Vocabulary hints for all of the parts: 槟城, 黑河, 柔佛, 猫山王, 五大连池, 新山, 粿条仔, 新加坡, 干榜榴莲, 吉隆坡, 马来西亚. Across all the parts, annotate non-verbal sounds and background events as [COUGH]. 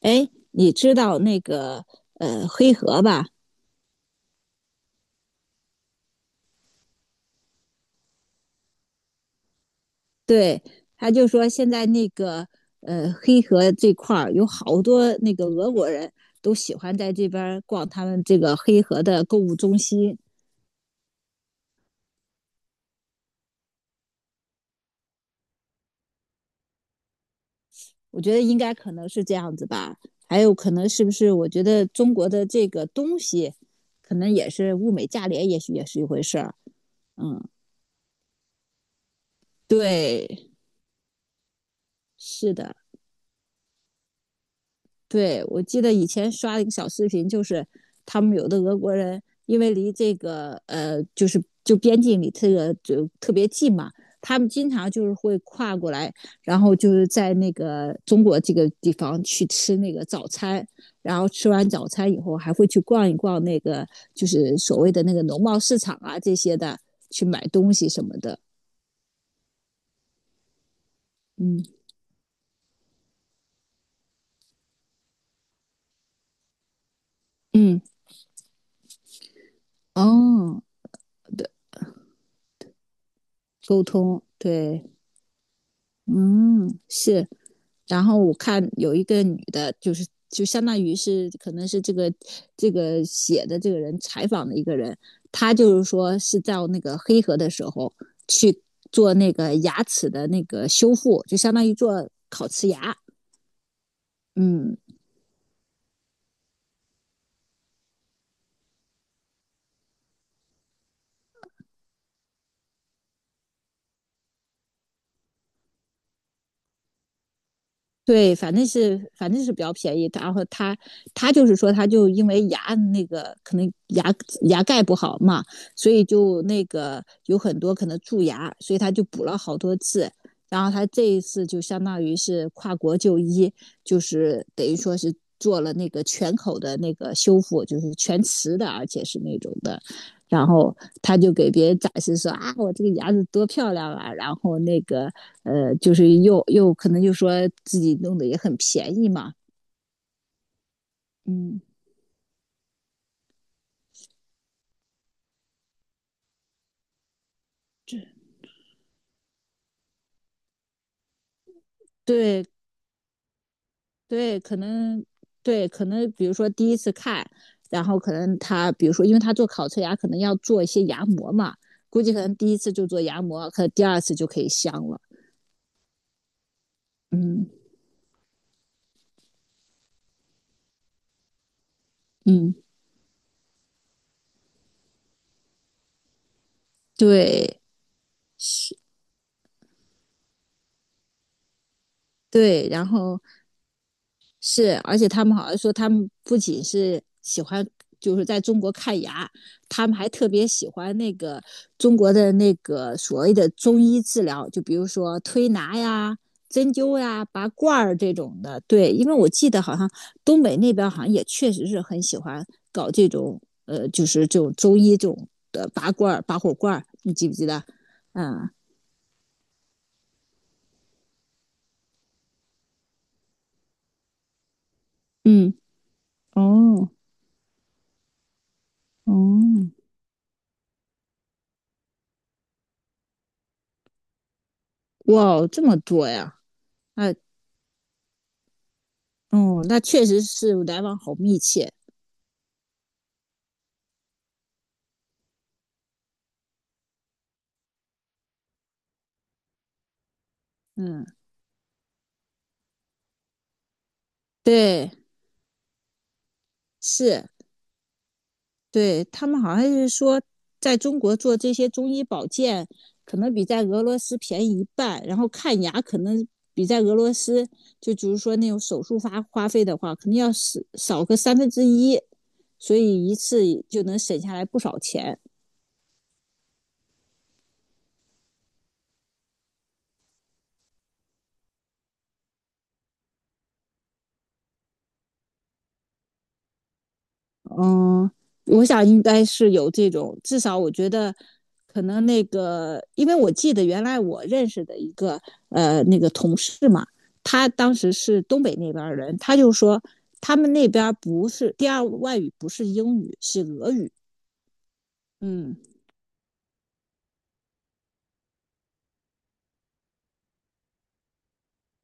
哎，你知道那个黑河吧？对，他就说现在那个黑河这块儿有好多那个俄国人都喜欢在这边儿逛他们这个黑河的购物中心。我觉得应该可能是这样子吧，还有可能是不是？我觉得中国的这个东西，可能也是物美价廉，也许也是一回事儿。对，是的，对，我记得以前刷了一个小视频，就是他们有的俄国人，因为离这个就是边境里这个就特别近嘛，他们经常就是会跨过来，然后就是在那个中国这个地方去吃那个早餐，然后吃完早餐以后还会去逛一逛那个就是所谓的那个农贸市场啊这些的，去买东西什么的。嗯嗯，哦，沟通，对，嗯，是。然后我看有一个女的，就是相当于是可能是这个写的这个人采访的一个人，她就是说是在那个黑河的时候去做那个牙齿的那个修复，就相当于做烤瓷牙。嗯，对，反正是比较便宜。然后他就是说，他就因为牙那个可能牙盖不好嘛，所以就那个有很多可能蛀牙，所以他就补了好多次。然后他这一次就相当于是跨国就医，就是等于说是做了那个全口的那个修复，就是全瓷的，而且是那种的。然后他就给别人展示说啊，我这个牙子多漂亮啊！然后那个就是又可能就说自己弄的也很便宜嘛，嗯，对对，可能，对，可能，比如说第一次看，然后可能他比如说，因为他做烤瓷牙可能要做一些牙模嘛，估计可能第一次就做牙模，可能第二次就可以镶了，嗯嗯，对对，然后是，而且他们好像说，他们不仅是喜欢，就是在中国看牙，他们还特别喜欢那个中国的那个所谓的中医治疗，就比如说推拿呀、针灸呀、拔罐儿这种的。对，因为我记得好像东北那边好像也确实是很喜欢搞这种，就是这种中医这种的拔罐儿、拔火罐儿，你记不记得？嗯嗯，哦哦，哇，这么多呀！啊，哦，那确实是来往好密切。嗯，对，是，对，他们好像是说，在中国做这些中医保健，可能比在俄罗斯便宜一半，然后看牙可能比在俄罗斯，就比如说那种手术花费的话，肯定要少个三分之一，所以一次就能省下来不少钱。嗯，我想应该是有这种，至少我觉得可能那个，因为我记得原来我认识的一个那个同事嘛，他当时是东北那边人，他就说他们那边不是第二外语不是英语，是俄语。嗯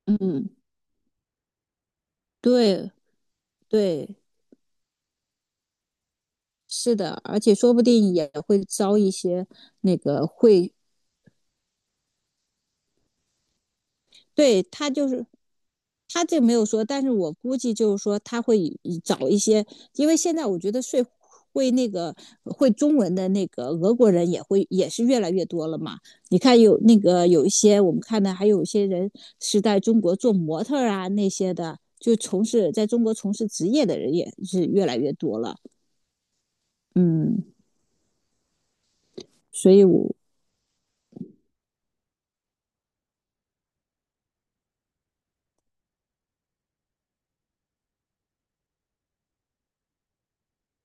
嗯，对对，是的，而且说不定也会招一些那个会，对，他就是他这没有说，但是我估计就是说他会找一些，因为现在我觉得会那个会中文的那个俄国人也会也是越来越多了嘛。你看有那个有一些我们看的，还有一些人是在中国做模特啊那些的，就在中国从事职业的人也是越来越多了。嗯，所以我，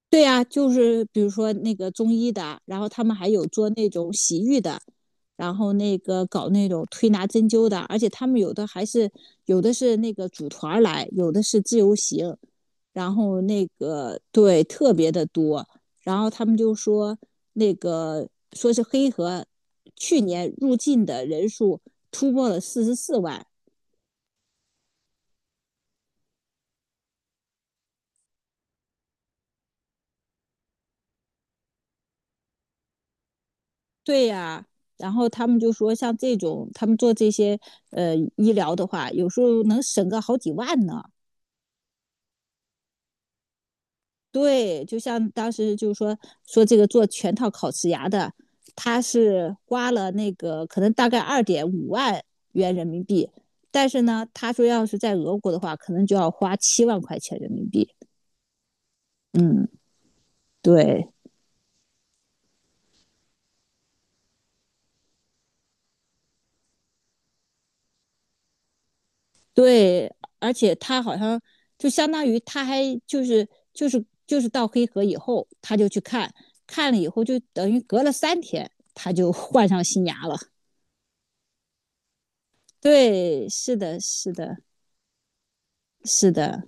对呀，就是比如说那个中医的，然后他们还有做那种洗浴的，然后那个搞那种推拿针灸的，而且他们有的有的是那个组团儿来，有的是自由行，然后那个对特别的多，然后他们就说那个说是黑河去年入境的人数突破了44万，对呀，然后他们就说，像这种他们做这些医疗的话，有时候能省个好几万呢。对，就像当时就是说这个做全套烤瓷牙的，他是花了那个可能大概2.5万元人民币，但是呢，他说要是在俄国的话，可能就要花7万块钱人民币。嗯，对，对，而且他好像就相当于他还就是到黑河以后，他就去看，看了以后就等于隔了3天，他就 [LAUGHS] 换上新牙了。对，是的，是的，是的，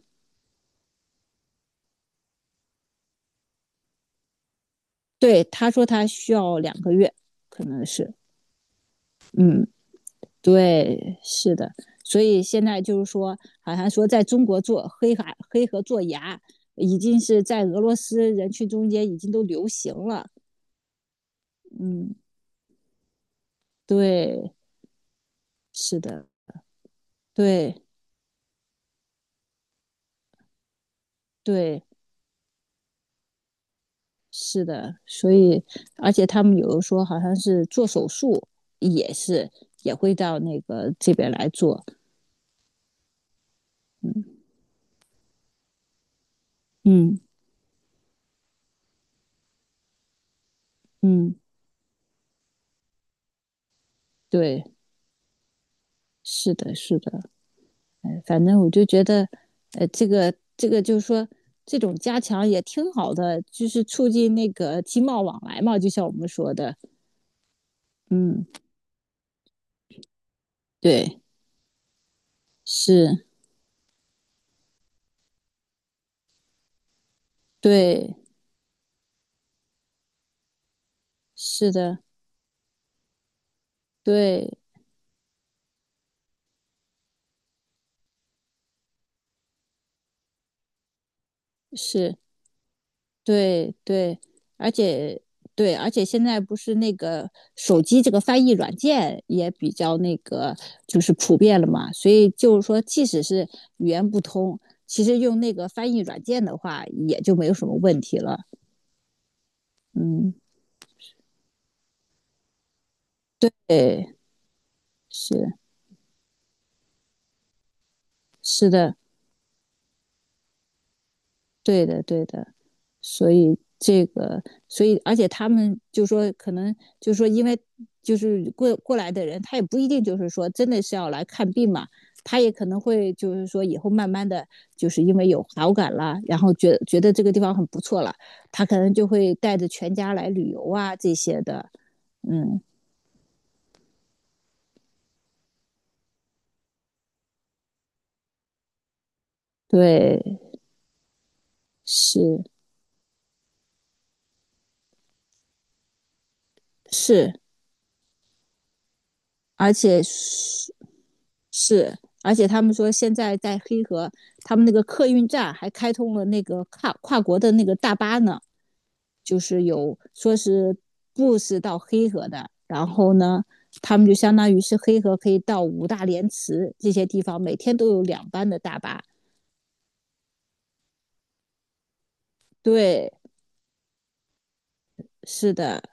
对，他说他需要2个月，可能是，嗯，对，是的，所以现在就是说，好像说在中国做黑河做牙，已经是在俄罗斯人群中间已经都流行了，嗯，对，是的。对对，是的，所以而且他们有的说好像是做手术也是也会到那个这边来做，嗯嗯，对，是的，是的，哎，反正我就觉得，这个就是说这种加强也挺好的，就是促进那个经贸往来嘛，就像我们说的，嗯，对，是，对，是的，对，是。对对，而且对，而且现在不是那个手机这个翻译软件也比较那个，就是普遍了嘛。所以就是说，即使是语言不通，其实用那个翻译软件的话，也就没有什么问题了。嗯，对，是，是的，对的对的。所以这个，所以而且他们就说，可能就说，因为就是过来的人，他也不一定就是说真的是要来看病嘛，他也可能会就是说以后慢慢的就是因为有好感了，然后觉得这个地方很不错了，他可能就会带着全家来旅游啊这些的，嗯，对，是是，而且是，而且他们说现在在黑河，他们那个客运站还开通了那个跨国的那个大巴呢，就是有说是 bus 到黑河的，然后呢，他们就相当于是黑河可以到五大连池这些地方，每天都有2班的大巴。对，是的，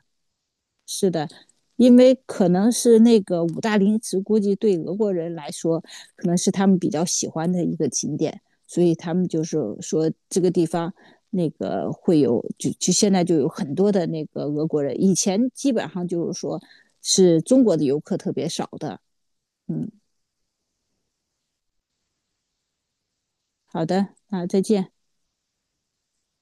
是的，因为可能是那个五大陵池，估计对俄国人来说，可能是他们比较喜欢的一个景点，所以他们就是说这个地方那个会有，就现在就有很多的那个俄国人，以前基本上就是说是中国的游客特别少的。嗯，好的，那再见。